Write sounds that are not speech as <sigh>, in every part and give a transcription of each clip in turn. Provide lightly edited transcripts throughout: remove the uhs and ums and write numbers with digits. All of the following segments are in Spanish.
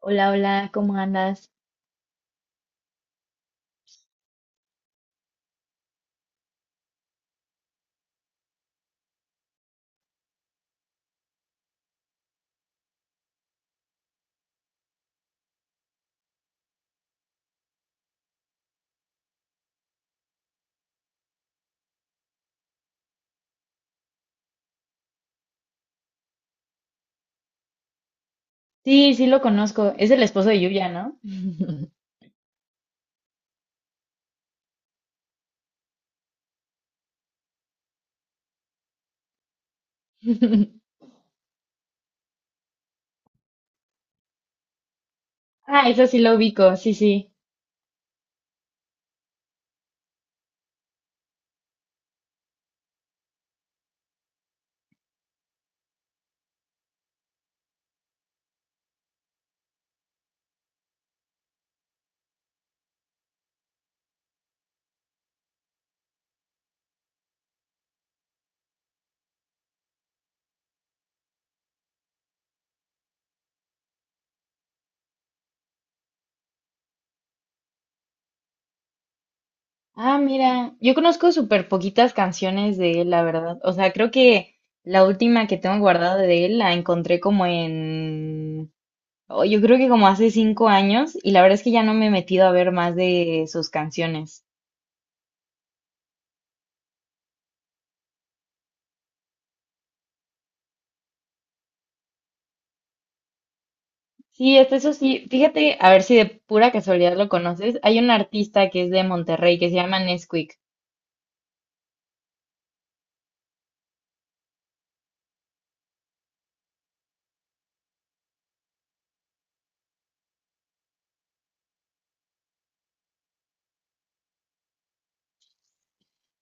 Hola, hola, ¿cómo andas? Sí, sí lo conozco. Es el esposo de Yuya, ¿no? <laughs> Ah, eso sí lo ubico, sí, sí. Ah, mira, yo conozco súper poquitas canciones de él, la verdad. O sea, creo que la última que tengo guardada de él la encontré oh, yo creo que como hace 5 años y la verdad es que ya no me he metido a ver más de sus canciones. Sí, hasta eso sí. Fíjate, a ver si de pura casualidad lo conoces. Hay un artista que es de Monterrey que se llama Nesquik.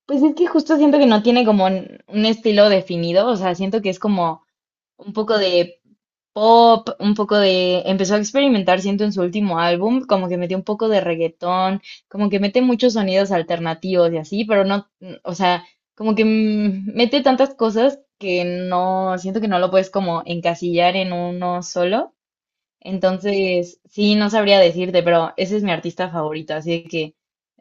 Pues es que justo siento que no tiene como un estilo definido, o sea, siento que es como un poco de pop, empezó a experimentar, siento, en su último álbum, como que metió un poco de reggaetón, como que mete muchos sonidos alternativos y así, pero no, o sea, como que mete tantas cosas que no, siento que no lo puedes como encasillar en uno solo. Entonces, sí, no sabría decirte, pero ese es mi artista favorito, así de que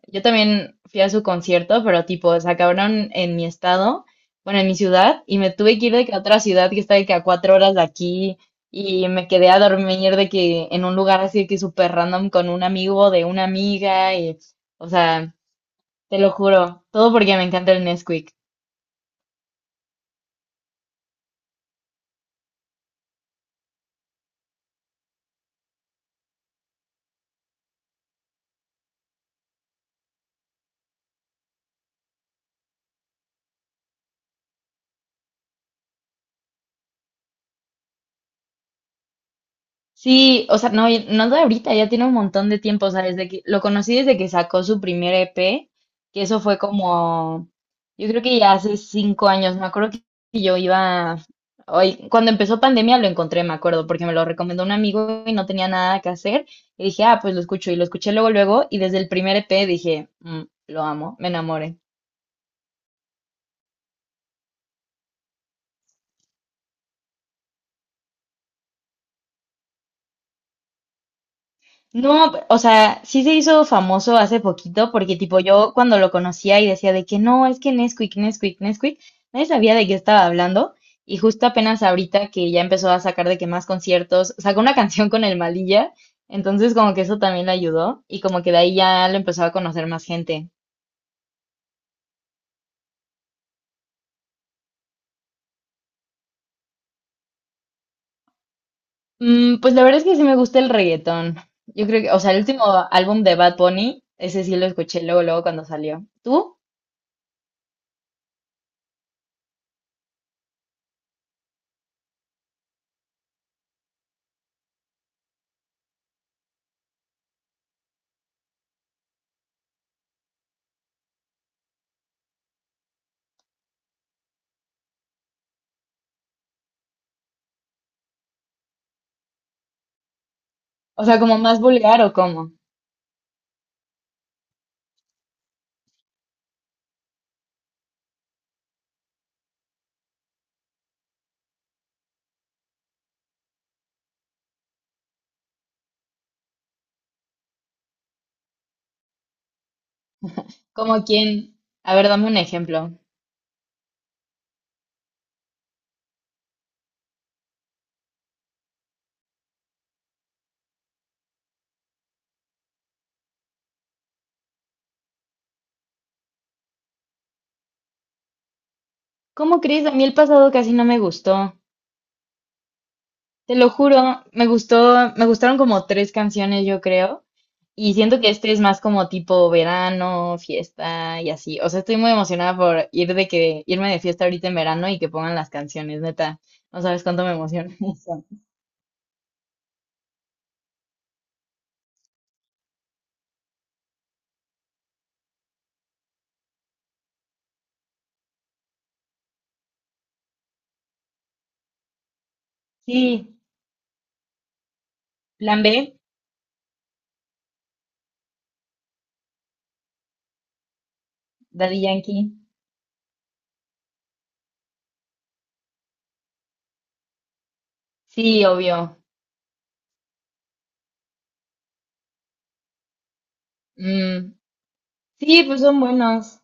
yo también fui a su concierto, pero tipo, se acabaron en mi estado, bueno, en mi ciudad, y me tuve que ir de que a otra ciudad que está de que a 4 horas de aquí, y me quedé a dormir de que en un lugar así de que súper random con un amigo de una amiga, y, o sea, te lo juro, todo porque me encanta el Nesquik. Sí, o sea, no, no de ahorita, ya tiene un montón de tiempo, o sea, desde que lo conocí desde que sacó su primer EP, que eso fue como, yo creo que ya hace 5 años, me acuerdo que yo iba, hoy, cuando empezó pandemia lo encontré, me acuerdo, porque me lo recomendó un amigo y no tenía nada que hacer, y dije, ah, pues lo escucho, y lo escuché luego, luego, y desde el primer EP dije, "Mm, lo amo, me enamoré." No, o sea, sí se hizo famoso hace poquito porque tipo yo cuando lo conocía y decía de que no, es que Nesquik, Nesquik, Nesquik, nadie sabía de qué estaba hablando y justo apenas ahorita que ya empezó a sacar de que más conciertos, sacó una <laughs> canción con el Malilla, entonces como que eso también le ayudó y como que de ahí ya lo empezó a conocer más gente. Pues la verdad es que sí me gusta el reggaetón. Yo creo que, o sea, el último álbum de Bad Bunny, ese sí lo escuché luego, luego cuando salió. ¿Tú? ¿O sea, como más vulgar o cómo? Como quien, a ver, dame un ejemplo. ¿Cómo crees? A mí el pasado casi no me gustó. Te lo juro, me gustó, me gustaron como tres canciones, yo creo. Y siento que este es más como tipo verano, fiesta y así. O sea, estoy muy emocionada por ir de que irme de fiesta ahorita en verano y que pongan las canciones, neta. No sabes cuánto me emociona <laughs> eso. Sí, Plan B, Daddy Yankee. Sí, obvio. Mm, sí, pues son buenos.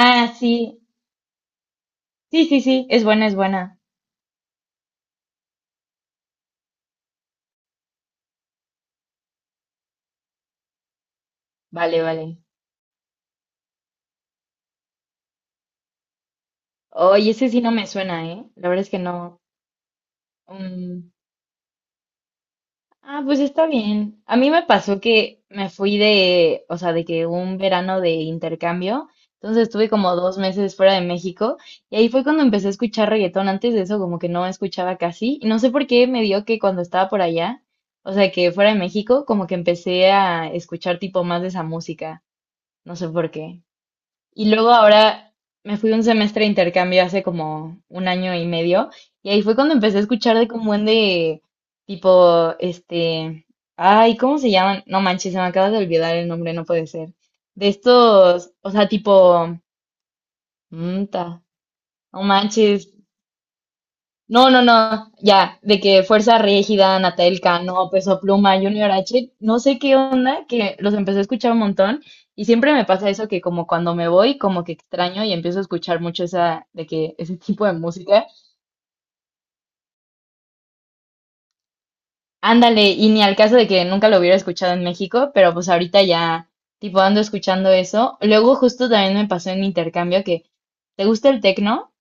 Ah, sí. Sí, sí, sí, es buena, es buena. Vale, vale. Oye, ese sí no me suena, ¿eh? La verdad es que no. Mm, ah, pues está bien. A mí me pasó que me fui de, o sea, de que un verano de intercambio, entonces estuve como 2 meses fuera de México y ahí fue cuando empecé a escuchar reggaetón. Antes de eso como que no escuchaba casi y no sé por qué me dio que cuando estaba por allá, o sea, que fuera de México, como que empecé a escuchar tipo más de esa música. No sé por qué. Y luego ahora me fui un semestre de intercambio hace como un año y medio. Y ahí fue cuando empecé a escuchar de como un de tipo, este, ay, ¿cómo se llaman? No manches, se me acaba de olvidar el nombre, no puede ser. De estos, o sea, tipo, mm, ta, no manches, no, no, no, ya, de que Fuerza Rígida, Natal Cano, Peso Pluma, Junior H, no sé qué onda, que los empecé a escuchar un montón y siempre me pasa eso que como cuando me voy, como que extraño y empiezo a escuchar mucho esa, de que ese tipo de música. Ándale, y ni al caso de que nunca lo hubiera escuchado en México, pero pues ahorita ya, tipo, ando escuchando eso. Luego justo también me pasó en mi intercambio que, ¿te gusta el tecno?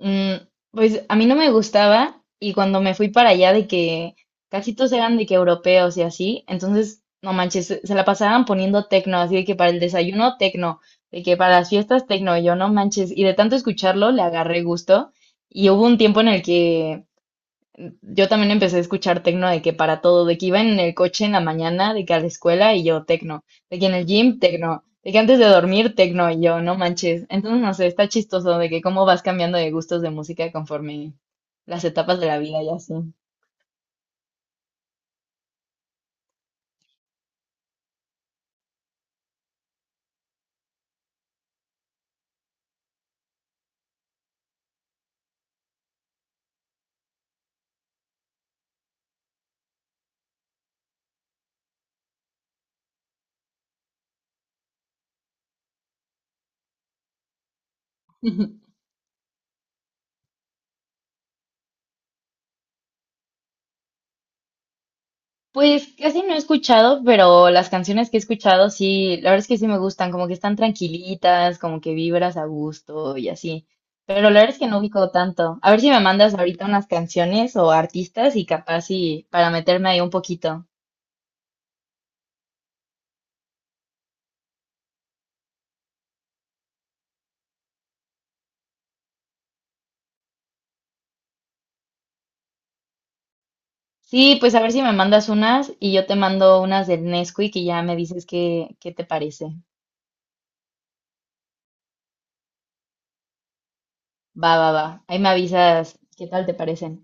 Pues a mí no me gustaba y cuando me fui para allá de que casi todos eran de que europeos y así, entonces, no manches, se la pasaban poniendo tecno, así de que para el desayuno tecno, de que para las fiestas tecno, y yo no manches, y de tanto escucharlo le agarré gusto y hubo un tiempo en el que yo también empecé a escuchar tecno de que para todo, de que iba en el coche en la mañana, de que a la escuela y yo tecno, de que en el gym tecno, de que antes de dormir tecno y yo, no manches. Entonces, no sé, está chistoso de que cómo vas cambiando de gustos de música conforme las etapas de la vida y así. Pues casi no he escuchado, pero las canciones que he escuchado sí, la verdad es que sí me gustan, como que están tranquilitas, como que vibras a gusto y así. Pero la verdad es que no ubico tanto. A ver si me mandas ahorita unas canciones o artistas y capaz sí, para meterme ahí un poquito. Sí, pues a ver si me mandas unas y yo te mando unas del Nesquik y ya me dices qué te parece. Va, va, va. Ahí me avisas qué tal te parecen.